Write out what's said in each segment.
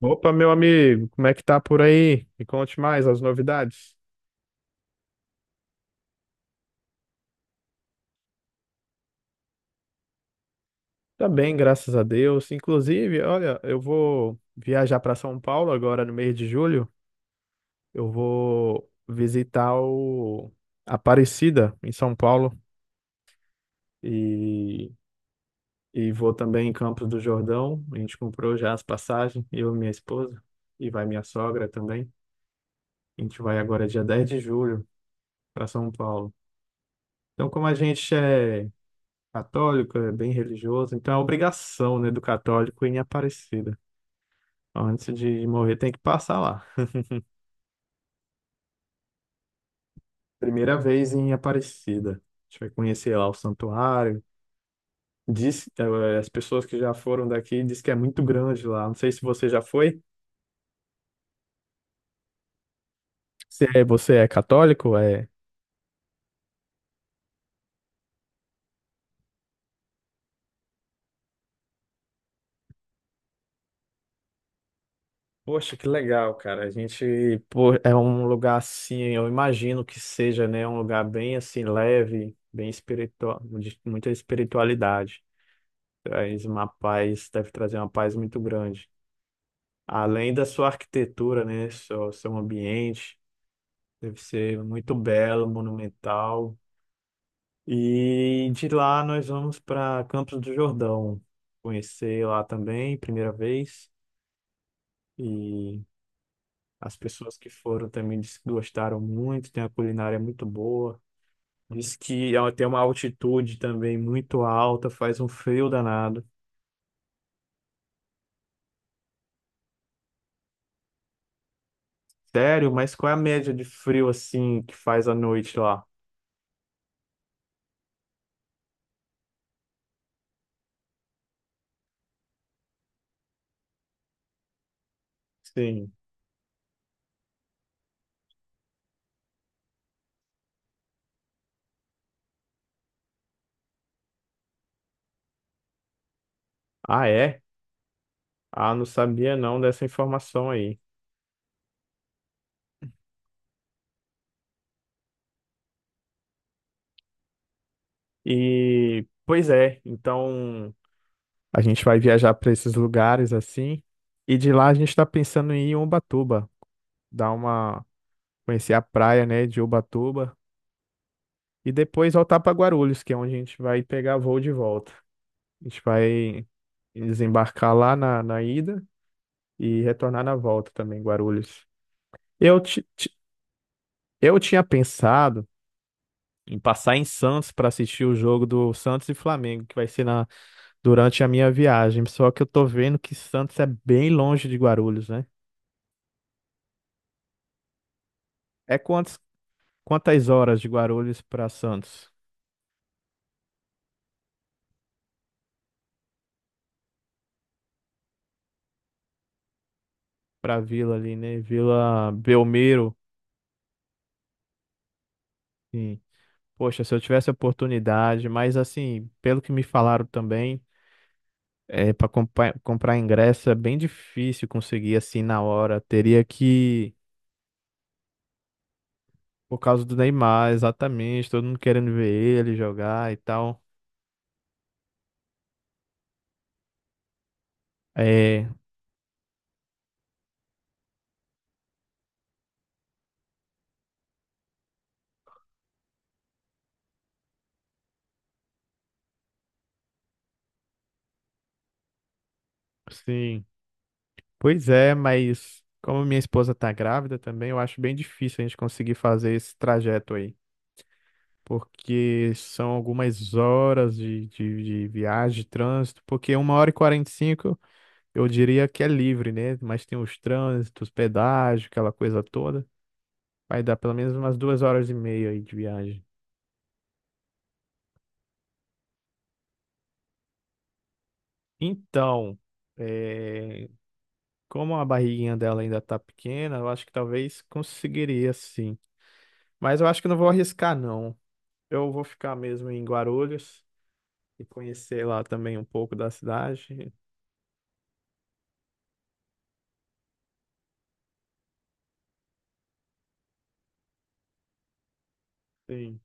Opa, meu amigo, como é que tá por aí? Me conte mais as novidades. Tá bem, graças a Deus. Inclusive, olha, eu vou viajar para São Paulo agora no mês de julho. Eu vou visitar o Aparecida em São Paulo e, e vou também em Campos do Jordão. A gente comprou já as passagens, eu e minha esposa, e vai minha sogra também. A gente vai agora dia 10 de julho para São Paulo. Então, como a gente é católico, é bem religioso, então é obrigação, né, do católico ir em Aparecida. Antes de morrer, tem que passar lá. Primeira vez em Aparecida. A gente vai conhecer lá o santuário. Diz, as pessoas que já foram daqui diz que é muito grande lá. Não sei se você já foi. Se você é católico, é. Poxa, que legal, cara. A gente, pô, é um lugar assim, eu imagino que seja, né, um lugar bem assim leve, bem espiritual, de muita espiritualidade. Traz uma paz, deve trazer uma paz muito grande. Além da sua arquitetura, né? Seu ambiente, deve ser muito belo, monumental. E de lá nós vamos para Campos do Jordão, conhecer lá também, primeira vez. E as pessoas que foram também disse que gostaram muito, tem a culinária muito boa. Diz que ela tem uma altitude também muito alta, faz um frio danado. Sério, mas qual é a média de frio assim que faz à noite lá? Sim. Ah, é? Ah, não sabia não dessa informação aí. E, pois é, então a gente vai viajar para esses lugares assim. E de lá a gente está pensando em ir em Ubatuba, dar uma, conhecer a praia, né, de Ubatuba. E depois voltar para Guarulhos, que é onde a gente vai pegar voo de volta. A gente vai desembarcar lá na ida e retornar na volta também, Guarulhos. Eu, ti- ti- eu tinha pensado em passar em Santos para assistir o jogo do Santos e Flamengo, que vai ser durante a minha viagem. Só que eu tô vendo que Santos é bem longe de Guarulhos, né? É quantos, quantas horas de Guarulhos para Santos? Para Vila ali, né? Vila Belmiro. Sim. Poxa, se eu tivesse a oportunidade, mas assim, pelo que me falaram também, é, para comprar ingresso é bem difícil conseguir assim na hora. Teria que, por causa do Neymar, exatamente, todo mundo querendo ver ele jogar e tal. É. Sim. Pois é, mas como minha esposa tá grávida também, eu acho bem difícil a gente conseguir fazer esse trajeto aí, porque são algumas horas de viagem, de trânsito, porque 1h45 eu diria que é livre, né? Mas tem os trânsitos, pedágio, aquela coisa toda. Vai dar pelo menos umas 2 horas e meia aí de viagem. Então, é, como a barriguinha dela ainda tá pequena, eu acho que talvez conseguiria sim. Mas eu acho que não vou arriscar, não. Eu vou ficar mesmo em Guarulhos e conhecer lá também um pouco da cidade. Sim.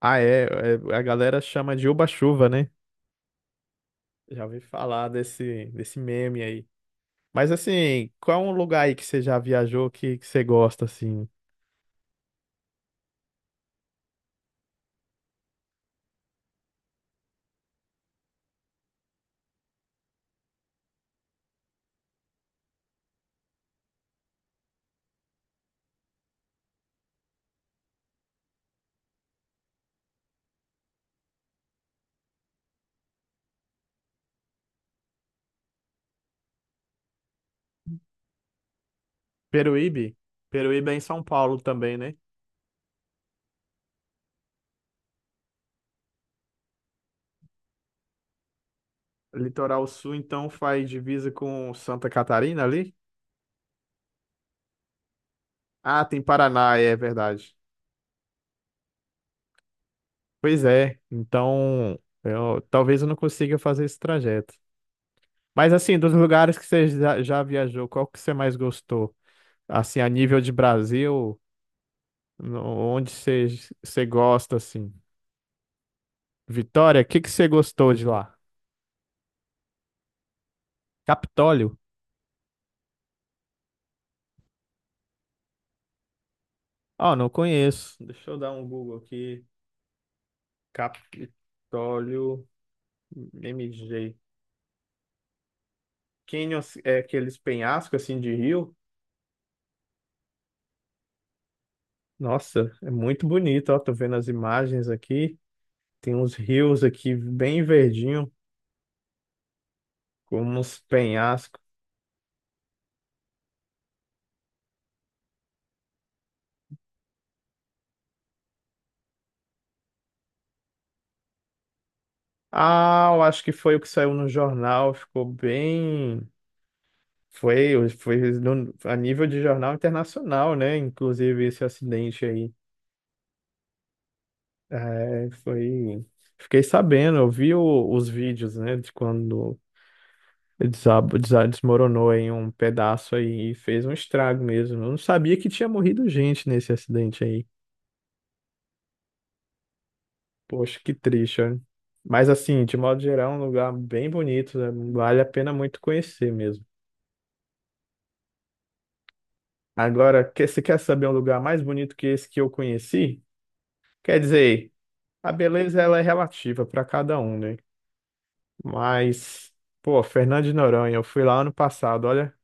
Ah, é, é, a galera chama de Uba-chuva, né? Já ouvi falar desse meme aí. Mas assim, qual é um lugar aí que você já viajou que você gosta, assim? Peruíbe? Peruíbe é em São Paulo também, né? Litoral Sul, então, faz divisa com Santa Catarina ali? Ah, tem Paraná, é verdade. Pois é, então eu, talvez eu não consiga fazer esse trajeto. Mas assim, dos lugares que você já viajou, qual que você mais gostou? Assim, a nível de Brasil, onde você, você gosta, assim? Vitória, o que que você gostou de lá? Capitólio? Ah, não conheço. Deixa eu dar um Google aqui. Capitólio MG. Canyons é aqueles penhascos assim de rio? Nossa, é muito bonito, ó, tô vendo as imagens aqui. Tem uns rios aqui bem verdinho, com uns penhascos. Ah, eu acho que foi o que saiu no jornal, ficou bem. Foi, foi a nível de jornal internacional, né? Inclusive esse acidente aí. É, foi. Fiquei sabendo, eu vi os vídeos, né? De quando desmoronou em um pedaço aí e fez um estrago mesmo. Eu não sabia que tinha morrido gente nesse acidente aí. Poxa, que triste, olha. Mas assim, de modo geral, é um lugar bem bonito, né? Vale a pena muito conhecer mesmo. Agora, você quer saber um lugar mais bonito que esse que eu conheci? Quer dizer, a beleza ela é relativa para cada um, né? Mas, pô, Fernando de Noronha, eu fui lá ano passado, olha,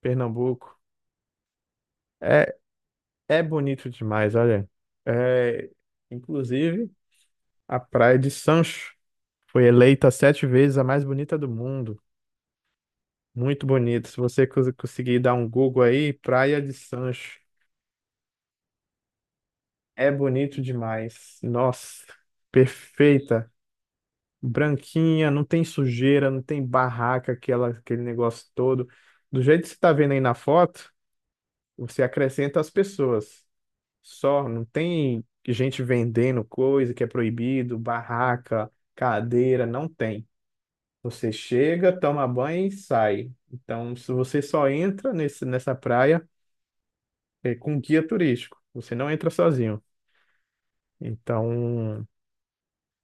Pernambuco. É, é bonito demais, olha. É, inclusive, a Praia de Sancho foi eleita 7 vezes a mais bonita do mundo. Muito bonito. Se você conseguir dar um Google aí, Praia de Sancho. É bonito demais. Nossa, perfeita. Branquinha, não tem sujeira, não tem barraca, aquela, aquele negócio todo. Do jeito que você está vendo aí na foto, você acrescenta as pessoas. Só, não tem gente vendendo coisa que é proibido, barraca, cadeira, não tem. Você chega, toma banho e sai. Então, se você só entra nessa praia, é, com guia turístico. Você não entra sozinho. Então,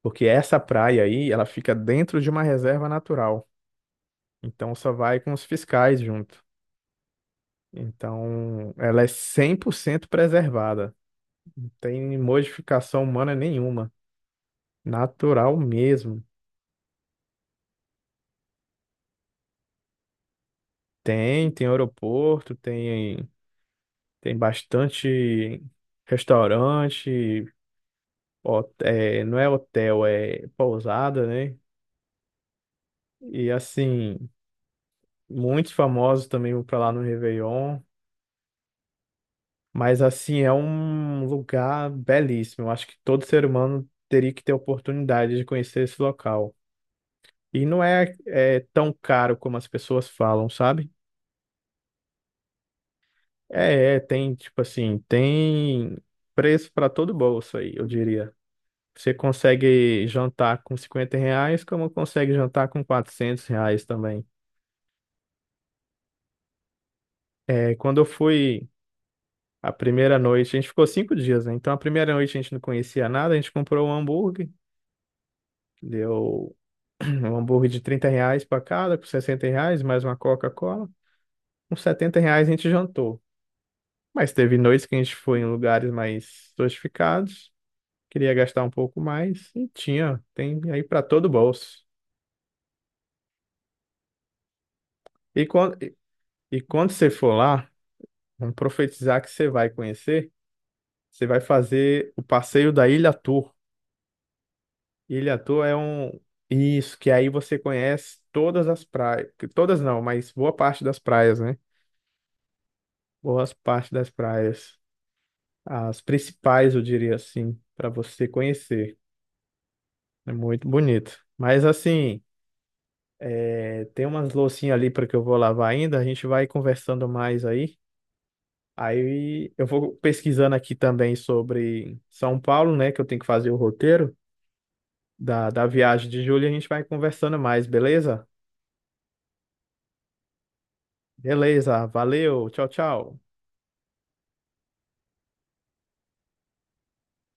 porque essa praia aí, ela fica dentro de uma reserva natural. Então, só vai com os fiscais junto. Então, ela é 100% preservada. Não tem modificação humana nenhuma. Natural mesmo. Tem, tem aeroporto, tem, tem bastante restaurante, é, não é hotel, é pousada, né? E assim, muitos famosos também vão pra lá no Réveillon. Mas, assim, é um lugar belíssimo. Eu acho que todo ser humano teria que ter a oportunidade de conhecer esse local. E não é, é tão caro como as pessoas falam, sabe? É, é, tem, tipo assim, tem preço para todo bolso aí, eu diria. Você consegue jantar com R$ 50, como consegue jantar com R$ 400 também. É, quando eu fui. A primeira noite, a gente ficou 5 dias, né? Então a primeira noite a gente não conhecia nada, a gente comprou um hambúrguer, deu um hambúrguer de R$ 30 para cada, com R$ 60, mais uma Coca-Cola. Com R$ 70 a gente jantou. Mas teve noites que a gente foi em lugares mais sofisticados, queria gastar um pouco mais, e tinha, tem aí para todo o bolso. E quando, e quando você for lá, vamos profetizar que você vai conhecer, você vai fazer o passeio da Ilha Tour. Ilha Toa é um. Isso, que aí você conhece todas as praias. Todas não, mas boa parte das praias, né? Boas parte das praias. As principais, eu diria assim, para você conhecer. É muito bonito. Mas assim, é, tem umas loucinhas ali para que eu vou lavar ainda. A gente vai conversando mais aí. Aí eu vou pesquisando aqui também sobre São Paulo, né? Que eu tenho que fazer o roteiro da, da viagem de julho e a gente vai conversando mais, beleza? Beleza, valeu, tchau, tchau.